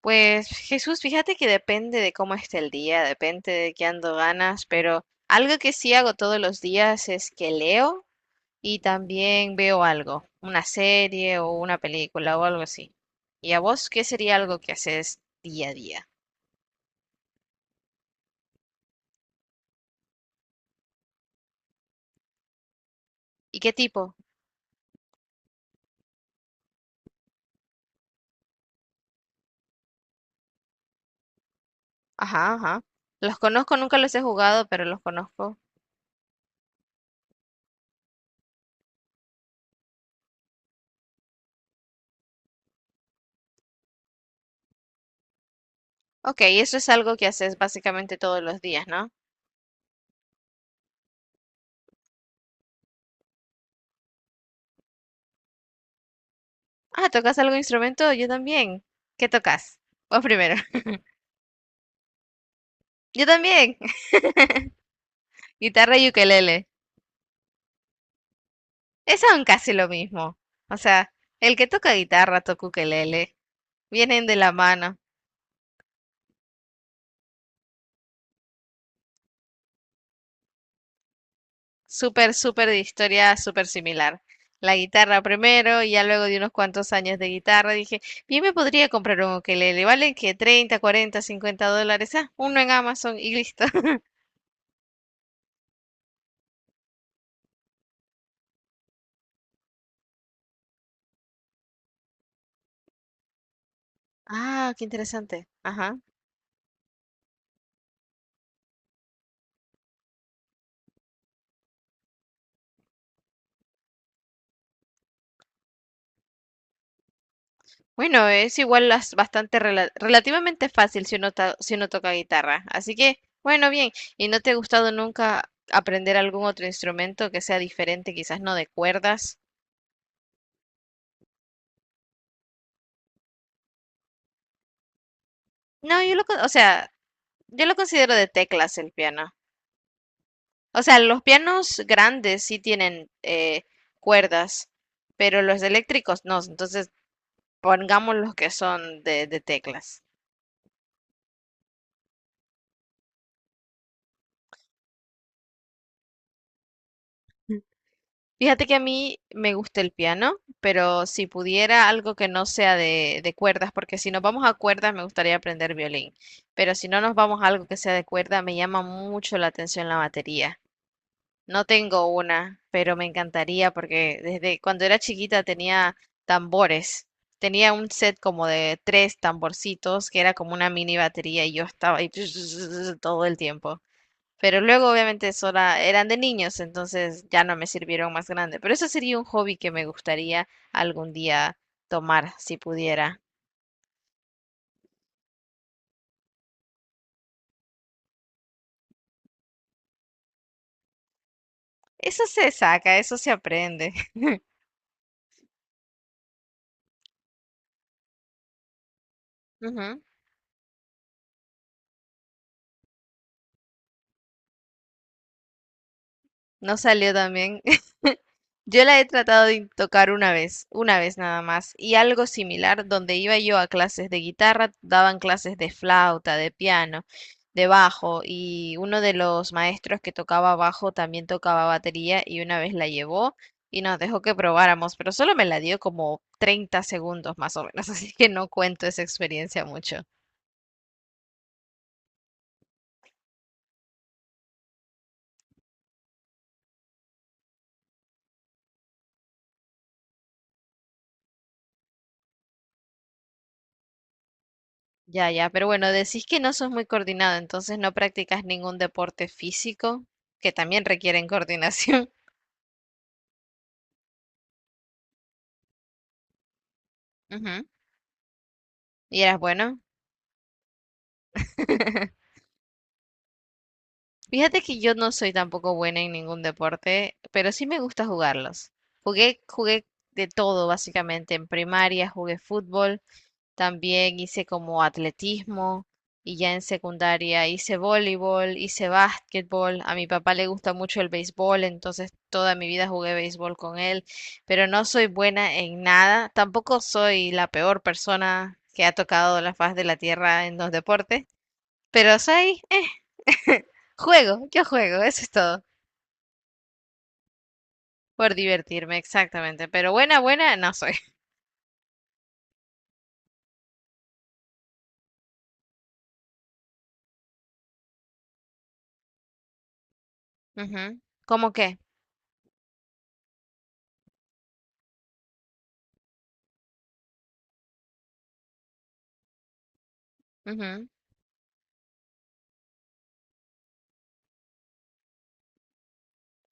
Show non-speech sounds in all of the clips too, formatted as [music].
Pues Jesús, fíjate que depende de cómo esté el día, depende de qué ando ganas, pero algo que sí hago todos los días es que leo y también veo algo, una serie o una película o algo así. ¿Y a vos qué sería algo que haces día a día? ¿Y qué tipo? Ajá, ajá. Los conozco, nunca los he jugado, pero los conozco. Ok, eso es algo que haces básicamente todos los días, ¿no? Ah, ¿tocas algún instrumento? Yo también. ¿Qué tocas? Vos primero. [laughs] Yo también. [laughs] Guitarra y ukelele. Es aún casi lo mismo. O sea, el que toca guitarra toca ukelele. Vienen de la mano. Súper, súper de historia, súper similar. La guitarra primero y ya luego de unos cuantos años de guitarra dije, bien me podría comprar un ukelele. ¿Vale que $30 $40 $50? Ah, uno en Amazon y listo. [laughs] Ah, qué interesante. Ajá. Bueno, es igual bastante relativamente fácil si uno, si uno toca guitarra. Así que, bueno, bien. ¿Y no te ha gustado nunca aprender algún otro instrumento que sea diferente, quizás no de cuerdas? No, yo lo, o sea, yo lo considero de teclas el piano. O sea, los pianos grandes sí tienen cuerdas, pero los eléctricos no. Entonces, pongamos los que son de teclas. Fíjate que a mí me gusta el piano, pero si pudiera algo que no sea de cuerdas, porque si nos vamos a cuerdas me gustaría aprender violín, pero si no nos vamos a algo que sea de cuerda, me llama mucho la atención la batería. No tengo una, pero me encantaría porque desde cuando era chiquita tenía tambores. Tenía un set como de tres tamborcitos que era como una mini batería y yo estaba ahí [laughs] todo el tiempo. Pero luego, obviamente, sola, eran de niños, entonces ya no me sirvieron más grande. Pero eso sería un hobby que me gustaría algún día tomar, si pudiera. Eso se saca, eso se aprende. [laughs] Ujú. No salió también. Yo la he tratado de tocar una vez nada más, y algo similar, donde iba yo a clases de guitarra, daban clases de flauta, de piano, de bajo, y uno de los maestros que tocaba bajo también tocaba batería y una vez la llevó y nos dejó que probáramos, pero solo me la dio como 30 segundos más o menos, [laughs] así que no cuento esa experiencia mucho. Ya, ya, pero bueno, decís que no sos muy coordinado, entonces no practicas ningún deporte físico, que también requieren coordinación. [laughs] Ujú. Y eras bueno. [laughs] Fíjate que yo no soy tampoco buena en ningún deporte, pero sí me gusta jugarlos. Jugué de todo, básicamente. En primaria jugué fútbol, también hice como atletismo y ya en secundaria hice voleibol, hice básquetbol. A mi papá le gusta mucho el béisbol, entonces toda mi vida jugué béisbol con él, pero no soy buena en nada. Tampoco soy la peor persona que ha tocado la faz de la tierra en los deportes, pero soy... [laughs] Juego, yo juego, eso es todo. Por divertirme, exactamente. Pero buena, buena, no soy. [laughs] Ujú. ¿Cómo qué? Ujú.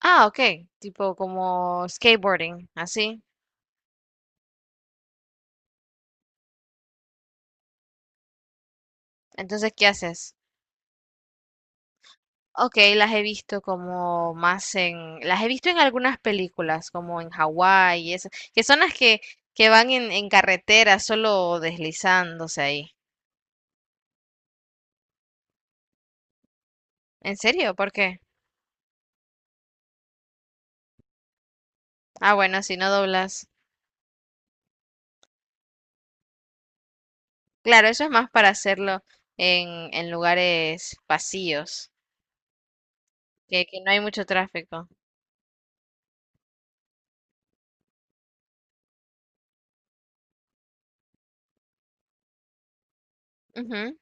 Ah, ok. Tipo como skateboarding, así. Entonces, ¿qué haces? Ok, las he visto como más en... Las he visto en algunas películas, como en Hawái y eso. Que son las que van en carretera, solo deslizándose ahí. ¿En serio? ¿Por qué? Ah, bueno, si no doblas. Claro, eso es más para hacerlo en lugares vacíos, que no hay mucho tráfico. Ujú.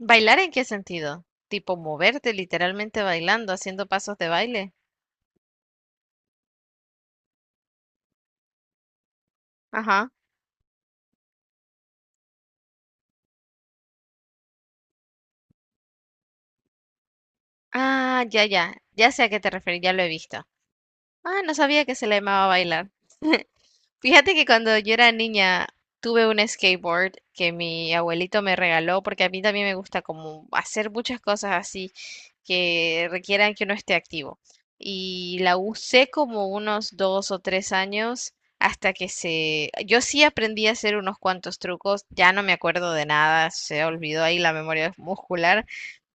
¿Bailar en qué sentido? Tipo moverte literalmente bailando, haciendo pasos de baile. Ajá. Ah, ya, ya. Ya sé a qué te referís, ya lo he visto. Ah, no sabía que se le llamaba bailar. Fíjate que cuando yo era niña tuve un skateboard que mi abuelito me regaló porque a mí también me gusta como hacer muchas cosas así que requieran que uno esté activo. Y la usé como unos 2 o 3 años hasta que se... Yo sí aprendí a hacer unos cuantos trucos, ya no me acuerdo de nada, se olvidó ahí la memoria muscular,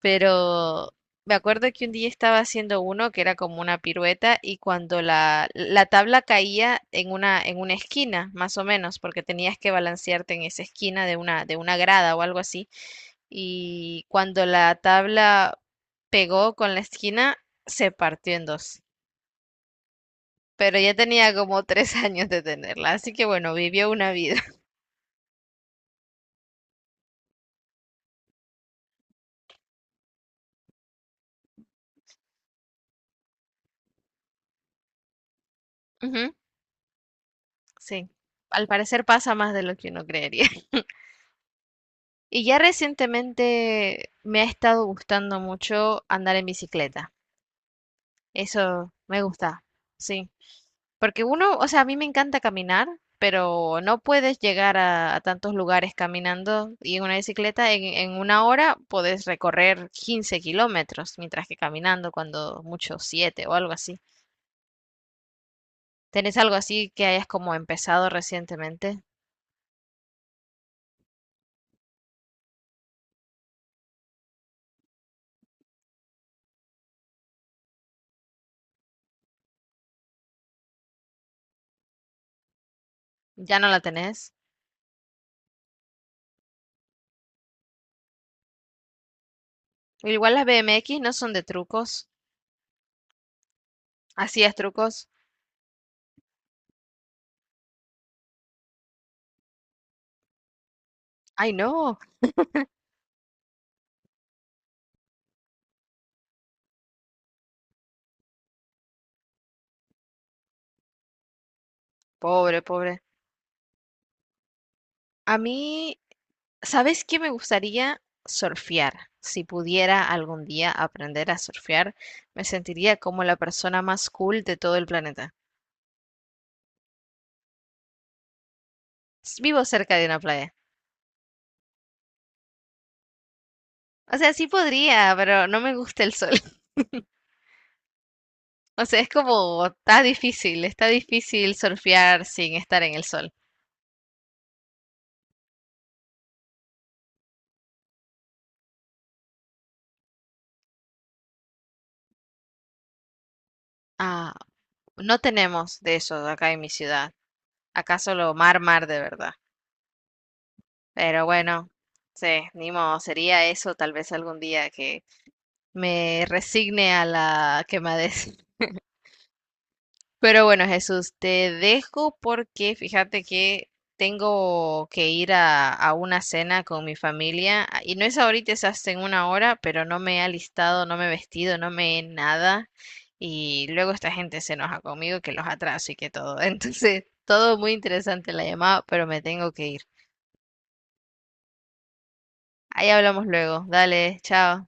pero me acuerdo que un día estaba haciendo uno que era como una pirueta y cuando la tabla caía en una esquina, más o menos, porque tenías que balancearte en esa esquina de una grada o algo así, y cuando la tabla pegó con la esquina, se partió en dos. Pero ya tenía como 3 [laughs] años de tenerla, así que bueno, vivió una vida. [laughs] Ujú, sí, al parecer pasa más de lo que uno creería. [laughs] Y ya recientemente me ha estado gustando mucho andar en bicicleta. Eso me gusta, sí. Porque uno, o sea, a mí me encanta caminar, pero no puedes llegar a tantos lugares caminando y en una bicicleta en una hora puedes recorrer 15 kilómetros, mientras que caminando cuando mucho 7 o algo así. ¿Tenés algo así que hayas como empezado recientemente? Ya no la tenés. Igual las BMX no son de trucos. Así es, trucos. Ay, no. Pobre, pobre. A mí, ¿sabes qué me gustaría? Surfear. Si pudiera algún día aprender a surfear, me sentiría como la persona más cool de todo el planeta. Vivo cerca de una playa. O sea, sí podría, pero no me gusta el sol. [laughs] O sea, es como, está difícil surfear sin estar en el sol. Ah, no tenemos de eso acá en mi ciudad. Acá solo mar, mar de verdad. Pero bueno, sí, ni modo, sería eso tal vez algún día que me resigne a la quemadez. Pero bueno, Jesús, te dejo porque fíjate que tengo que ir a una cena con mi familia y no es ahorita, es hasta en una hora, pero no me he alistado, no me he vestido, no me he nada y luego esta gente se enoja conmigo que los atraso y que todo. [laughs] Entonces, todo muy interesante la llamada, pero me tengo que ir. Ahí hablamos luego. Dale, chao.